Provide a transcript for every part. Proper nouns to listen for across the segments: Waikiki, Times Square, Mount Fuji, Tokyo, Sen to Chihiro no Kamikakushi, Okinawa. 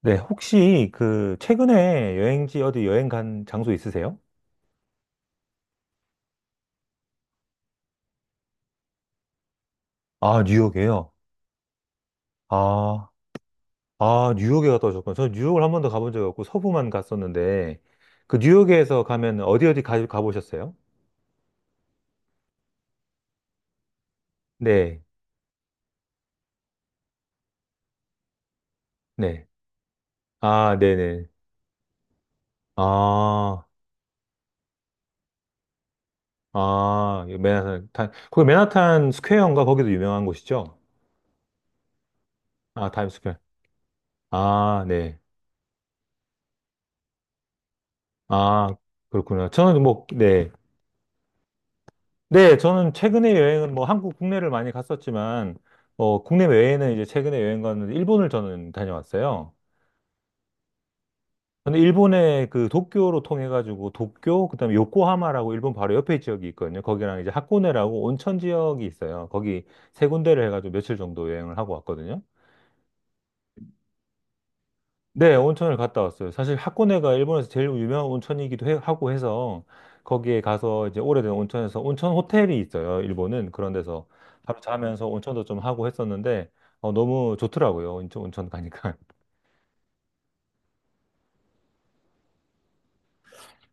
네, 혹시 그 최근에 여행지 어디 여행 간 장소 있으세요? 아, 뉴욕이에요. 아, 아, 뉴욕에 갔다 오셨구나. 저는 뉴욕을 한 번도 가본 적이 없고 서부만 갔었는데 그 뉴욕에서 가면 어디 어디 가보셨어요? 네, 네. 아, 네네. 아, 아, 이 맨하탄, 거기 맨하탄 스퀘어인가? 거기도 유명한 곳이죠? 아, 타임스퀘어. 아, 네. 아, 그렇구나. 저는 뭐, 네. 네, 저는 최근에 여행은 뭐 한국 국내를 많이 갔었지만, 어, 국내 외에는 이제 최근에 여행 갔는데, 일본을 저는 다녀왔어요. 근데 일본의 그 도쿄로 통해가지고, 도쿄, 그다음에 요코하마라고 일본 바로 옆에 지역이 있거든요. 거기랑 이제 하코네라고 온천 지역이 있어요. 거기 세 군데를 해가지고 며칠 정도 여행을 하고 왔거든요. 네, 온천을 갔다 왔어요. 사실 하코네가 일본에서 제일 유명한 온천이기도 하고 해서 거기에 가서 이제 오래된 온천에서 온천 호텔이 있어요. 일본은 그런 데서 하루 자면서 온천도 좀 하고 했었는데 어, 너무 좋더라고요. 온천 가니까.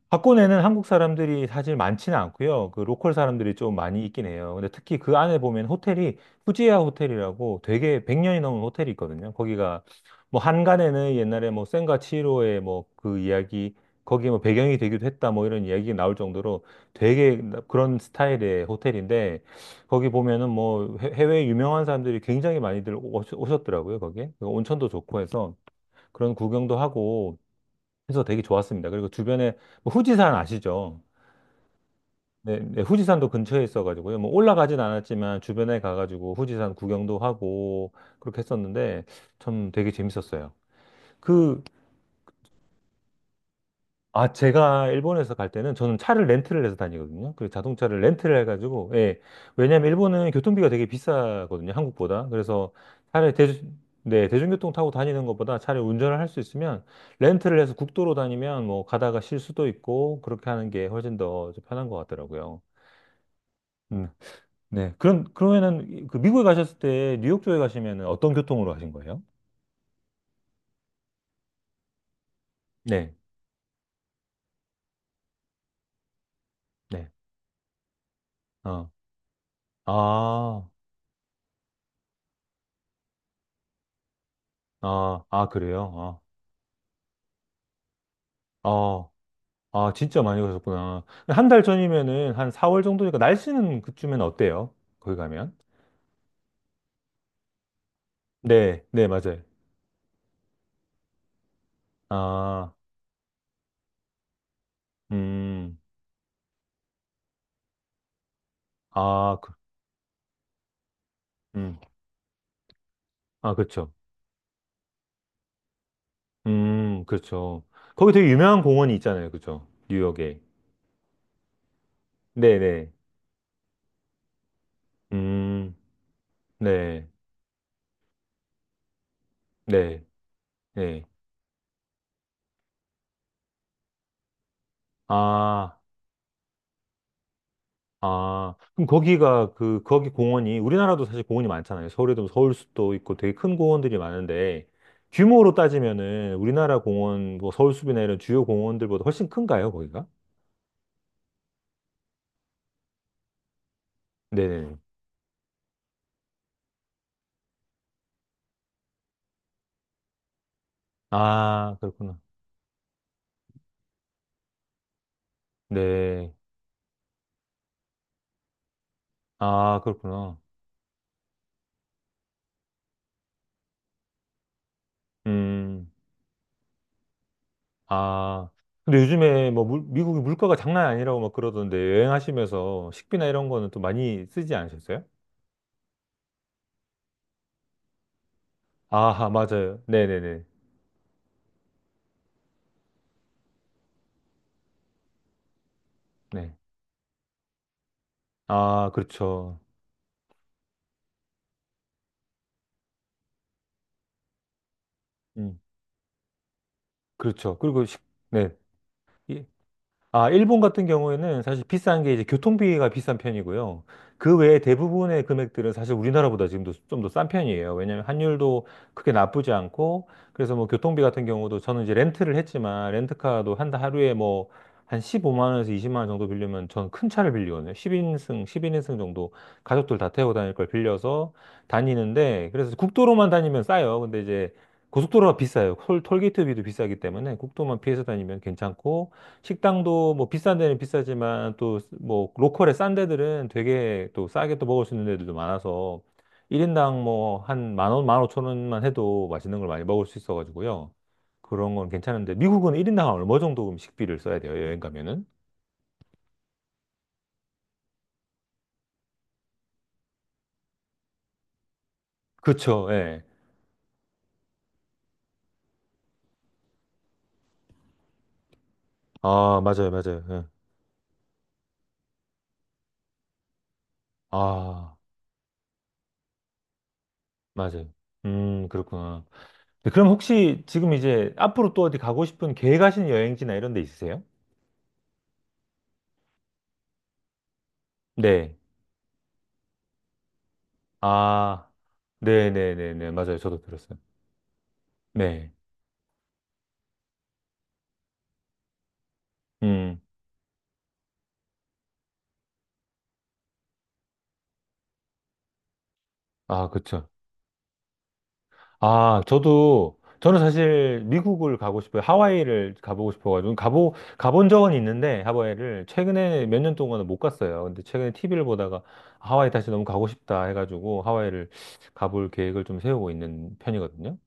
박군에는 한국 사람들이 사실 많지는 않고요. 그 로컬 사람들이 좀 많이 있긴 해요. 근데 특히 그 안에 보면 호텔이 후지야 호텔이라고 되게 100년이 넘은 호텔이 있거든요. 거기가 뭐 한간에는 옛날에 뭐 센과 치히로의 뭐 그 이야기 거기에 뭐 배경이 되기도 했다 뭐 이런 이야기 나올 정도로 되게 그런 스타일의 호텔인데 거기 보면은 뭐 해외 유명한 사람들이 굉장히 많이들 오셨더라고요. 거기에 온천도 좋고 해서 그런 구경도 하고 해서 되게 좋았습니다. 그리고 주변에 뭐 후지산 아시죠? 네, 네, 후지산도 근처에 있어가지고요. 뭐 올라가진 않았지만 주변에 가가지고 후지산 구경도 하고 그렇게 했었는데 참 되게 재밌었어요. 그 아, 제가 일본에서 갈 때는 저는 차를 렌트를 해서 다니거든요. 그 자동차를 렌트를 해가지고, 예. 왜냐면 일본은 교통비가 되게 비싸거든요. 한국보다. 그래서 차라리 네, 대중교통 타고 다니는 것보다 차라리 운전을 할 수 있으면 렌트를 해서 국도로 다니면 뭐 가다가 쉴 수도 있고 그렇게 하는 게 훨씬 더좀 편한 것 같더라고요. 음, 네. 그러면은 이- 그 미국에 가셨을 때 뉴욕 쪽에 가시면은 어떤 교통으로 가신 거예요? 네. 네. 어. 아, 아, 아, 그래요? 아. 어. 아, 진짜 많이 가셨구나. 한 달 전이면은 한 4월 정도니까 날씨는 그쯤엔 어때요? 거기 가면? 네, 네, 맞아요. 아, 음, 아, 그, 음, 아, 그쵸. 그쵸. 거기 되게 유명한 공원이 있잖아요. 그쵸. 뉴욕에. 네네. 음, 네, 네, 네. 아, 아, 그럼 거기가 그, 거기 공원이, 우리나라도 사실 공원이 많잖아요. 서울에도 서울숲도 있고 되게 큰 공원들이 많은데, 규모로 따지면은 우리나라 공원, 뭐 서울숲이나 이런 주요 공원들보다 훨씬 큰가요, 거기가? 네네. 아, 그렇구나. 네. 아, 그렇구나. 음, 아. 근데 요즘에 뭐 미국이 물가가 장난 아니라고 막 그러던데 여행하시면서 식비나 이런 거는 또 많이 쓰지 않으셨어요? 아하, 맞아요. 네네네. 네. 아, 그렇죠. 음. 그렇죠. 그리고 식, 네. 이- 아, 일본 같은 경우에는 사실 비싼 게 이제 교통비가 비싼 편이고요. 그 외에 대부분의 금액들은 사실 우리나라보다 지금도 좀 더 싼 편이에요. 왜냐하면 환율도 크게 나쁘지 않고, 그래서 뭐 교통비 같은 경우도 저는 이제 렌트를 했지만, 렌트카도 한 하루에 뭐 한 15만 원에서 20만 원 정도 빌리면 저는 큰 차를 빌리거든요. 10인승, 1 0인승 정도 가족들 다 태우고 다닐 걸 빌려서 다니는데, 그래서 국도로만 다니면 싸요. 근데 이제 고속도로가 비싸요. 톨, 톨게이트비도 비싸기 때문에 국도만 피해서 다니면 괜찮고, 식당도 뭐 비싼 데는 비싸지만 또 뭐 로컬의 싼 데들은 되게 또 싸게 또 먹을 수 있는 데들도 많아서 1인당 뭐 한 만 원, 만 오천 원만 해도 맛있는 걸 많이 먹을 수 있어가지고요. 그런 건 괜찮은데 미국은 1인당 얼마 정도 식비를 써야 돼요? 여행 가면은? 그쵸, 예. 아, 맞아요, 맞아요. 예. 아, 맞아요. 그렇구나. 네, 그럼 혹시 지금 이제 앞으로 또 어디 가고 싶은 계획하신 여행지나 이런 데 있으세요? 네. 아, 네네네네. 맞아요. 저도 들었어요. 네. 음. 아, 그쵸. 아, 저는 사실 미국을 가고 싶어요. 하와이를 가보고 싶어가지고, 가본 적은 있는데, 하와이를 최근에 몇 년 동안은 못 갔어요. 근데 최근에 TV를 보다가 하와이 다시 너무 가고 싶다 해가지고, 하와이를 가볼 계획을 좀 세우고 있는 편이거든요.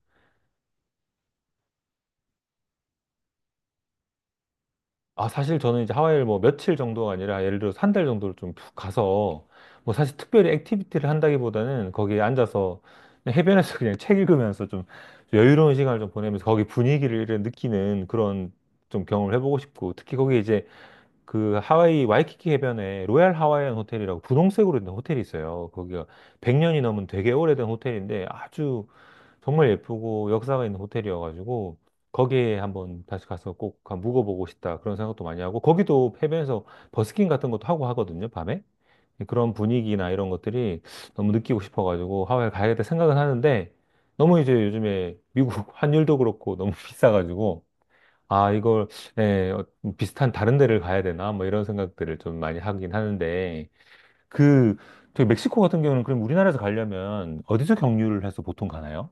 아, 사실 저는 이제 하와이를 뭐 며칠 정도가 아니라 예를 들어서 한 달 정도를 좀 푹 가서 뭐 사실 특별히 액티비티를 한다기보다는 거기에 앉아서 그냥 해변에서 그냥 책 읽으면서 좀 여유로운 시간을 좀 보내면서 거기 분위기를 느끼는 그런 좀 경험을 해보고 싶고 특히 거기 이제 그 하와이 와이키키 해변에 로얄 하와이안 호텔이라고 분홍색으로 된 호텔이 있어요. 거기가 100년이 넘은 되게 오래된 호텔인데 아주 정말 예쁘고 역사가 있는 호텔이어가지고 거기에 한번 다시 가서 꼭 묵어보고 싶다 그런 생각도 많이 하고 거기도 해변에서 버스킹 같은 것도 하고 하거든요, 밤에. 그런 분위기나 이런 것들이 너무 느끼고 싶어가지고 하와이 가야겠다 생각은 하는데 너무 이제 요즘에 미국 환율도 그렇고 너무 비싸가지고 아, 이걸, 예, 어, 비슷한 다른 데를 가야 되나? 뭐 이런 생각들을 좀 많이 하긴 하는데, 그, 저기 멕시코 같은 경우는 그럼 우리나라에서 가려면 어디서 경유를 해서 보통 가나요?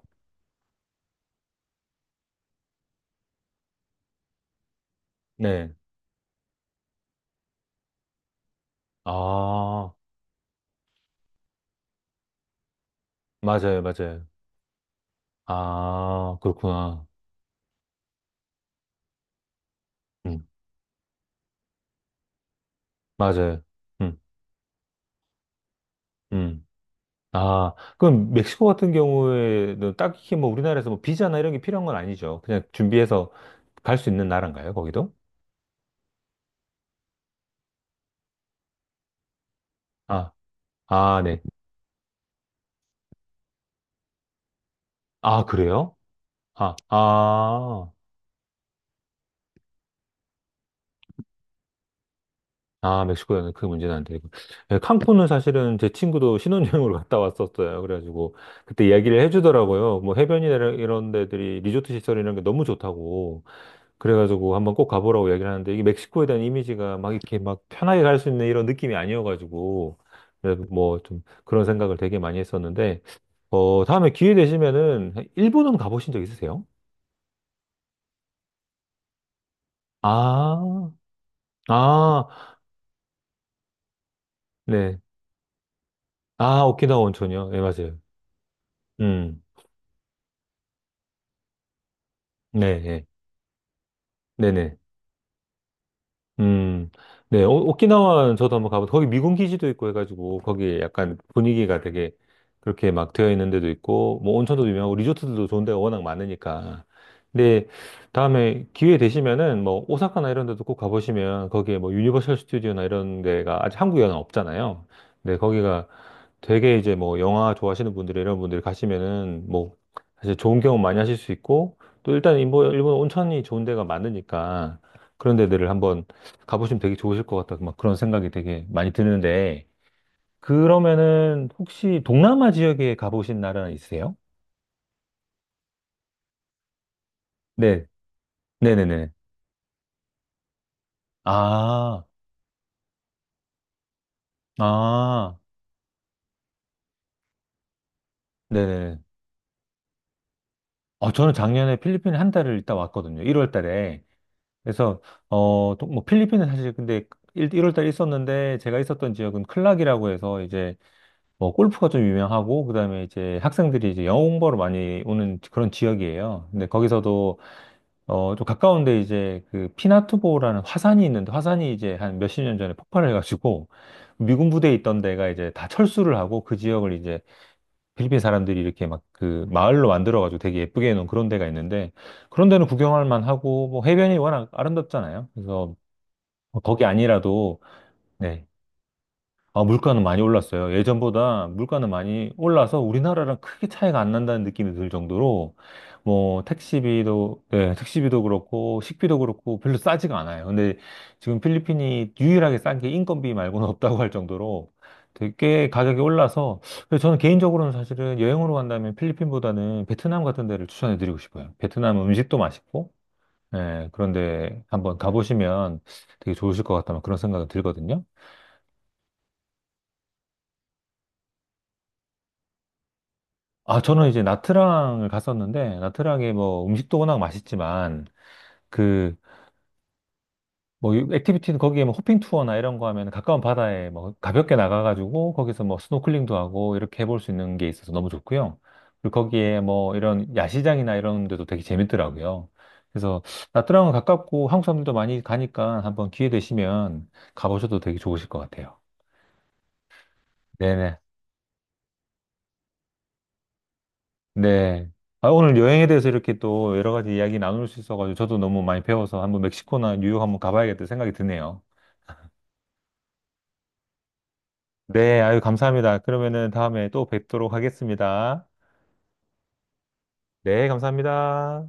네. 아, 맞아요, 맞아요. 아, 그렇구나. 음, 맞아요. 음, 음. 아, 그럼 멕시코 같은 경우에는 딱히 뭐 우리나라에서 뭐 비자나 이런 게 필요한 건 아니죠. 그냥 준비해서 갈 수 있는 나라인가요, 거기도? 아, 아, 네. 아, 그래요? 아, 아. 아, 멕시코에는 그 문제는 안 되고. 예, 칸쿤은 사실은 제 친구도 신혼여행으로 갔다 왔었어요. 그래가지고 그때 이야기를 해주더라고요. 뭐 해변이나 이런 데들이 리조트 시설 이런 게 너무 좋다고. 그래가지고 한번 꼭 가보라고 얘기를 하는데 이게 멕시코에 대한 이미지가 막 이렇게 막 편하게 갈 수 있는 이런 느낌이 아니어가지고 그래서 뭐 좀 그런 생각을 되게 많이 했었는데 어, 다음에 기회 되시면은 일본은 가보신 적 있으세요? 아, 아, 네. 아, 오키나와 온천이요? 예, 맞아요. 음, 네, 예. 네네. 음, 네, 오키나와는 저도 한번 가봤, 거기 미군 기지도 있고 해가지고, 거기 약간 분위기가 되게 그렇게 막 되어 있는 데도 있고, 뭐 온천도 유명하고, 리조트들도 좋은 데가 워낙 많으니까. 근데 다음에 기회 되시면은, 뭐, 오사카나 이런 데도 꼭 가보시면, 거기에 뭐, 유니버셜 스튜디오나 이런 데가 아직 한국 영화 없잖아요. 근데 거기가 되게 이제 뭐, 영화 좋아하시는 분들, 이런 분들이 가시면은, 뭐, 사실 좋은 경험 많이 하실 수 있고, 또 일단 일본 온천이 좋은 데가 많으니까, 그런 데들을 한번 가보시면 되게 좋으실 것 같다. 막 그런 생각이 되게 많이 드는데, 그러면은 혹시 동남아 지역에 가보신 나라 있으세요? 네, 네네네. 아, 아, 네네. 어, 저는 작년에 필리핀에 한 달을 있다 왔거든요. 1월 달에. 그래서, 어, 또 뭐, 필리핀은 사실 근데 1, 월 달에 있었는데, 제가 있었던 지역은 클락이라고 해서 이제 뭐, 골프가 좀 유명하고, 그 다음에 이제 학생들이 이제 영어 공부하러 많이 오는 그런 지역이에요. 근데 거기서도 어, 좀 가까운데 이제 그 피나투보라는 화산이 있는데 화산이 이제 한 몇십 년 전에 폭발을 해가지고 미군 부대에 있던 데가 이제 다 철수를 하고 그 지역을 이제 필리핀 사람들이 이렇게 막 그 마을로 만들어가지고 되게 예쁘게 해놓은 그런 데가 있는데 그런 데는 구경할 만하고 뭐 해변이 워낙 아름답잖아요. 그래서 뭐 거기 아니라도 네, 아, 물가는 많이 올랐어요. 예전보다 물가는 많이 올라서 우리나라랑 크게 차이가 안 난다는 느낌이 들 정도로 뭐 택시비도 네, 택시비도 그렇고 식비도 그렇고 별로 싸지가 않아요. 근데 지금 필리핀이 유일하게 싼 게 인건비 말고는 없다고 할 정도로 되게 가격이 올라서 그래서 저는 개인적으로는 사실은 여행으로 간다면 필리핀보다는 베트남 같은 데를 추천해 드리고 싶어요. 베트남은 음식도 맛있고 예, 그런데 한번 가보시면 되게 좋으실 것 같다는 그런 생각이 들거든요. 아, 저는 이제 나트랑을 갔었는데, 나트랑에 뭐 음식도 워낙 맛있지만, 그, 뭐, 액티비티는 거기에 뭐 호핑 투어나 이런 거 하면 가까운 바다에 뭐 가볍게 나가가지고 거기서 뭐 스노클링도 하고 이렇게 해볼 수 있는 게 있어서 너무 좋고요. 그리고 거기에 뭐 이런 야시장이나 이런 데도 되게 재밌더라고요. 그래서 나트랑은 가깝고 한국 사람들도 많이 가니까 한번 기회 되시면 가보셔도 되게 좋으실 것 같아요. 네네. 네. 아, 오늘 여행에 대해서 이렇게 또 여러 가지 이야기 나눌 수 있어가지고 저도 너무 많이 배워서 한번 멕시코나 뉴욕 한번 가봐야겠다 생각이 드네요. 네, 아유, 감사합니다. 그러면은 다음에 또 뵙도록 하겠습니다. 네, 감사합니다.